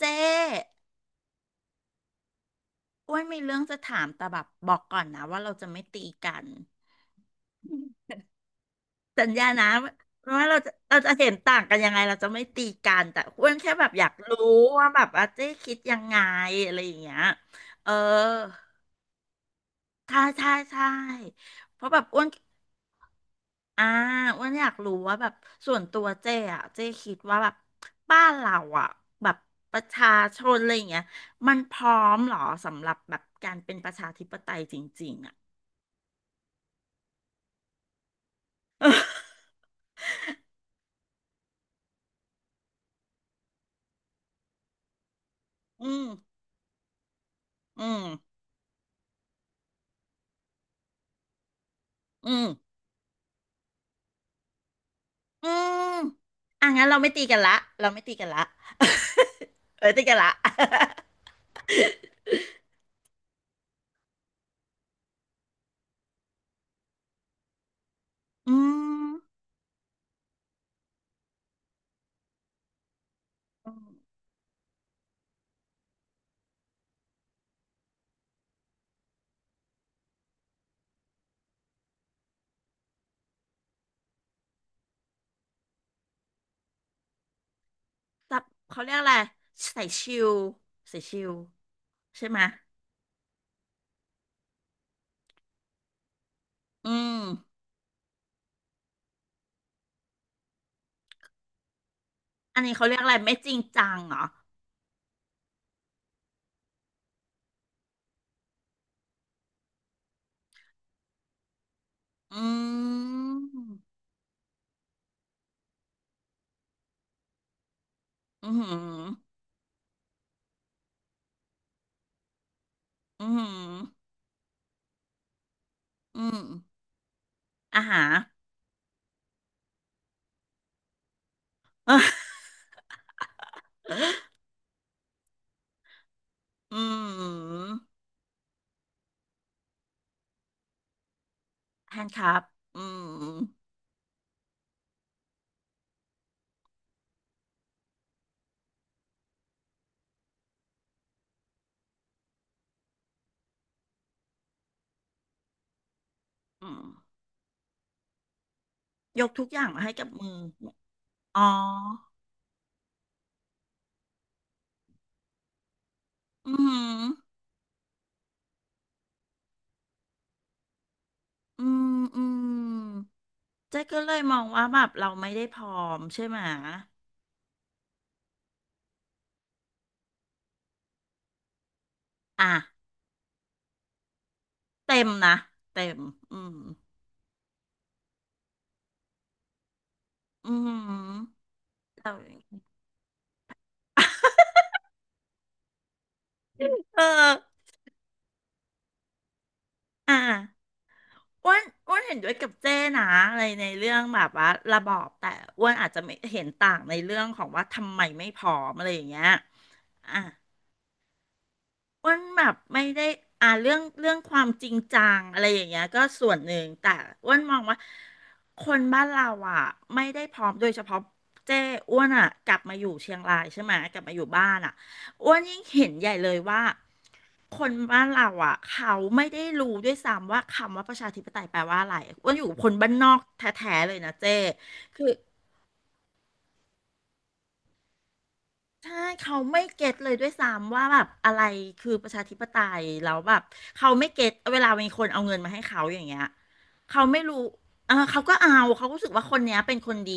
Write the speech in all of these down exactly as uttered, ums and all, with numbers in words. เจ๊อ้วนมีเรื่องจะถามแต่แบบบอกก่อนนะว่าเราจะไม่ตีกันสัญญานะว่าเราจะเราจะเห็นต่างกันยังไงเราจะไม่ตีกันแต่อ้วนแค่แบบอยากรู้ว่าแบบอาเจ๊คิดยังไงอะไรอย่างเงี้ยเออใช่ใช่ใช่เพราะแบบอ้วนอ่าอ้วนอยากรู้ว่าแบบส่วนตัวเจ๊อะเจ๊คิดว่าแบบบ้านเราอะแบบประชาชนอะไรอย่างเงี้ยมันพร้อมเหรอสำหรับแบบการเป็นประชาธิปไตยจริงๆอะ อืม อืม อืม อืมอ่ะงั้นเราไม่ตีกันละ เราไม่ตีกันละ เออตีกันละ อืมอืมจับเขาเรียกอะไรใส่ชิลใส่ชิลใช่ไหมยอืมอันนี้เขาเรียกอะไรไม่จริงจังเหรออืมอืมอหืออืมอหืออืมอาหารอืมแฮนด์คัพอืมอืมยกทุกอย่างมาให้กับมืออ๋ออืม อืมอืมเจ๊ก็เลยมองว่าแบบเราไม่ได้พร้อมใช่ไหมอ่ะเต็มนะเต็มอืมอืมเราเอออ่ะอ้วนอ้วนเห็นด้วยกับเจ้นะอะไรในเรื่องแบบว่าระบอบแต่อ้วนอาจจะไม่เห็นต่างในเรื่องของว่าทำไมไม่พร้อมอะไรอย่างเงี้ยอ่ะ อ้วนแบบไม่ได้อ่าเรื่องเรื่องความจริงจังอะไรอย่างเงี้ยก็ส่วนหนึ่งแต่อ้วนมองว่าคนบ้านเราอ่ะไม่ได้พร้อมโดยเฉพาะเจ้อ้วนอ่ะกลับมาอยู่เชียงรายใช่ไหมกลับมาอยู่บ้านอ่ะอ้วนยิ่งเห็นใหญ่เลยว่าคนบ้านเราอ่ะเขาไม่ได้รู้ด้วยซ้ำว่าคำว่าประชาธิปไตยแปลว่าอะไรอ้วนอยู่กับคนบ้านนอกแท้ๆเลยนะเจ้คือ ใช่เขาไม่เก็ตเลยด้วยซ้ำว่าแบบอะไรคือประชาธิปไตยแล้วแบบเขาไม่เก็ตเวลามีคนเอาเงินมาให้เขาอย่างเงี้ยเขาไม่รู้เออเขาก็เอาเขารู้สึกว่าคนเนี้ยเป็นคนดี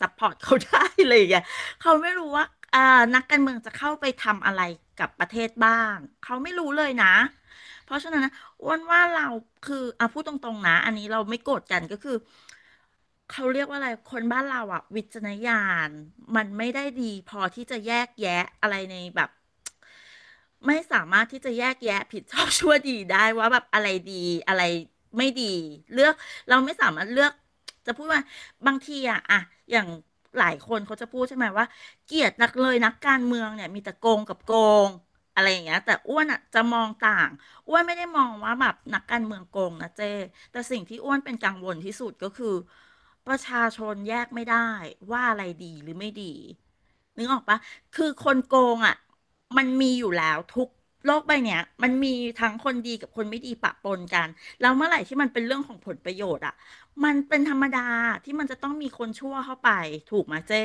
ซัพพอร์ตเขาได้อะไรอย่างเงี้ยเขาไม่รู้ว่าเอ่อนักการเมืองจะเข้าไปทำอะไรกับประเทศบ้างเขาไม่รู้เลยนะเพราะฉะนั้นนะอ้วนว่าเราคืออ่ะพูดตรงๆนะอันนี้เราไม่โกรธกันก็คือ เขาเรียกว่าอะไร คนบ้านเราอะวิจารณญาณมันไม่ได้ดีพอที่จะแยกแยะอะไรในแบบ ไม่สามารถที่จะแยกแยะผิดชอบชั่วดีได้ว่าแบบอะไรดีอะไรไม่ดีเลือกเราไม่สามารถเลือกจะพูดว่าบางทีอะอะอย่างหลายคนเขาจะพูดใช่ไหมว่าเกลียดนักเลยนักการเมืองเนี่ยมีแต่โกงกับโกงอะไรอย่างเงี้ยแต่อ้วนอะจะมองต่างอ้วนไม่ได้มองว่าแบบนักการเมืองโกงนะเจ้แต่สิ่งที่อ้วนเป็นกังวลที่สุดก็คือประชาชนแยกไม่ได้ว่าอะไรดีหรือไม่ดีนึกออกปะ คือคนโกงอ่ะมันมีอยู่แล้วทุกโลกใบเนี้ยมันมีทั้งคนดีกับคนไม่ดีปะปนกันแล้วเมื่อไหร่ที่มันเป็นเรื่องของผลประโยชน์อ่ะมันเป็นธรรมดาที่มันจะต้องมีคนชั่วเข้าไปถูกไหมเจ๊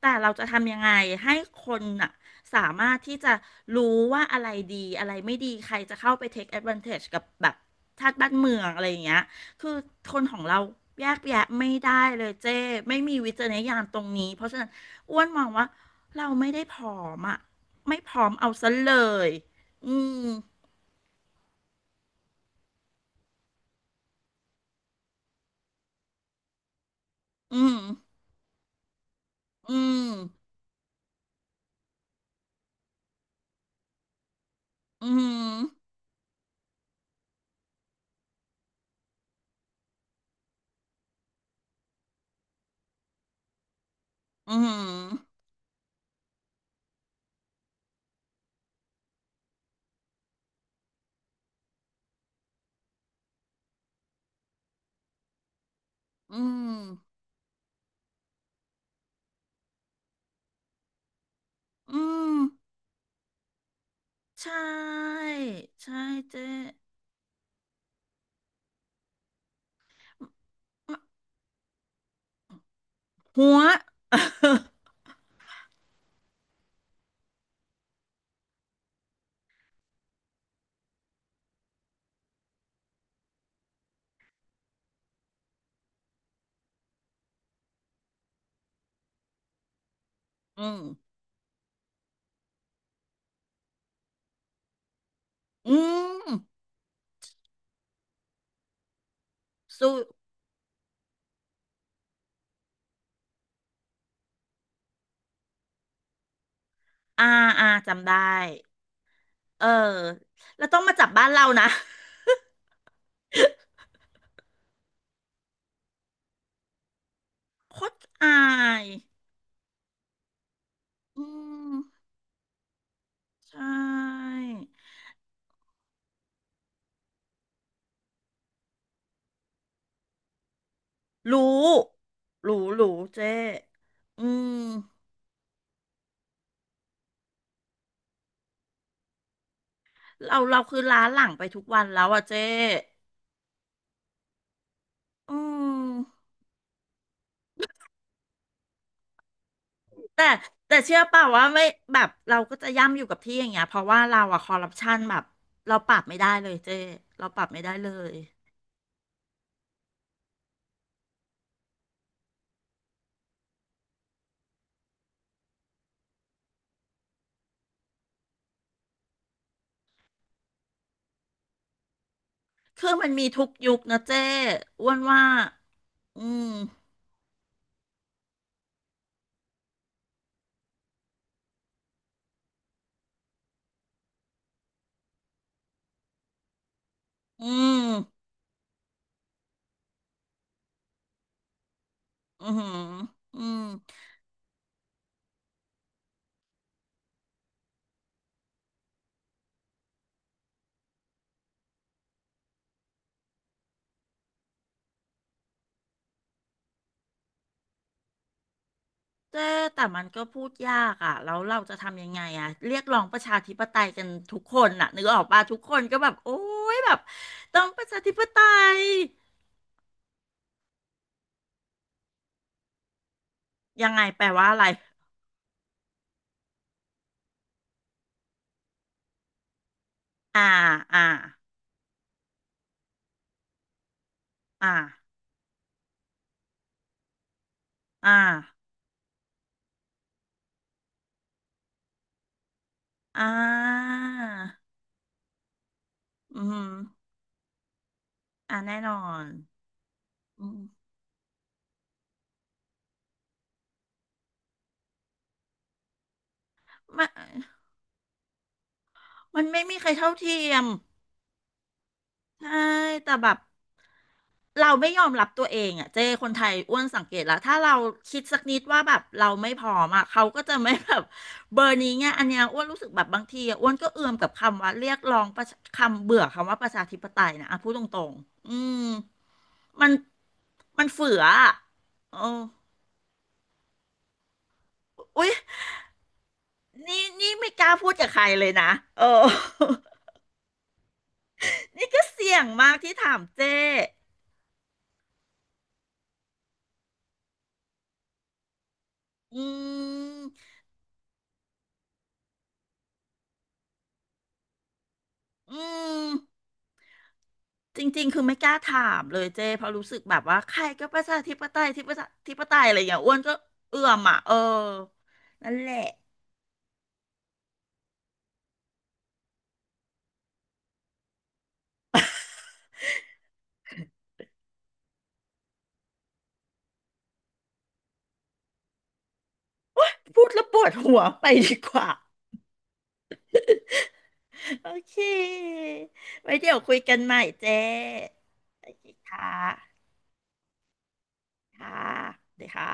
แต่เราจะทำยังไงให้คนอ่ะสามารถที่จะรู้ว่าอะไรดีอะไรไม่ดีใครจะเข้าไป take advantage กับแบบชาติบ้านเมืองอะไรอย่างเงี้ยคือคนของเราแยกแยะไม่ได้เลยเจ้ไม่มีวิจารณญาณตรงนี้เพราะฉะนั้นอ้วนมองว่า เราไม่ได้ผอมอ่ะไม่ผอมเอาซะเลยอืมอืมอืมอืมอืมอืมอืมใช่ใช่เจ๊หัว อืมอืมสู้อาอาจำได้เออแล้วต้องมาจับบ้านเรานะ โคตรอายอืมใช่รู้รู้รู้เจ๊อืม เราเราคือล้าหลังไปทุกวันแล้วอะเจ๊อืมแต่แต่เชื่อเปล่าว่าไม่แบบเราก็จะย่ำอยู่กับที่อย่างเงี้ยเพราะว่าเราอะคอร์รัปชันแบบเราปรับไม่ได้เลยเจ๊เราปรับไม่ได้เลยคือมันมีทุกยุคนะเจ๊อ้วนว่าอืมอืมอือหืออืมเจ๊แต่มันก็พูดยากอ่ะแล้วเราจะทำยังไงอ่ะเรียกร้องประชาธิปไตยกันทุกคนน่ะนึกออกป่ะทุกคนก็แบบโอ้ยแบบต้องประชาธิปไตย ยังไงแปลว่าอะไรอ่าอ่าอ่าอ่าอ่าอืมอ่าแน่นอนอืมมันมันไม่มีใครเท่าเทียมใช่แต่แบบเราไม่ยอมรับตัวเองอ่ะเจ้คนไทยอ้วนสังเกตแล้วถ้าเราคิดสักนิดว่าแบบเราไม่พร้อมอ่ะเขาก็จะไม่แบบเบอร์นี้ไงอันเนี้ยอ้วนรู้สึกแบบบางทีอะอ้วนก็เอื่อมกับคำว่าเรียกร้องประชาคำเบื่อคำว่าประชาธิปไตยนะอ่ะพูดตรงๆอืม มันมันเฟืออ่ะเอออุ๊ยนี่นี่ไม่กล้าพูดกับใครเลยนะเออ นี่ก็เสี่ยงมากที่ถามเจ้อืมอืมจริงๆคือไม่กล้าถามเลยเจ้เพราะรู้สึกแบบว่าใครก็ประชาธิปไตยที่ประชาธิปไตยอะไรอย่างเงี้ยอ้วนก็เอื้อมอ่ะเออ นั่นแหละ พูดแล้วปวดหัวไปดีกว่า โอเคไว้เดี๋ยวคุยกันใหม่เจ้โอเคค่ะค่ะเดี๋ยวค่ะ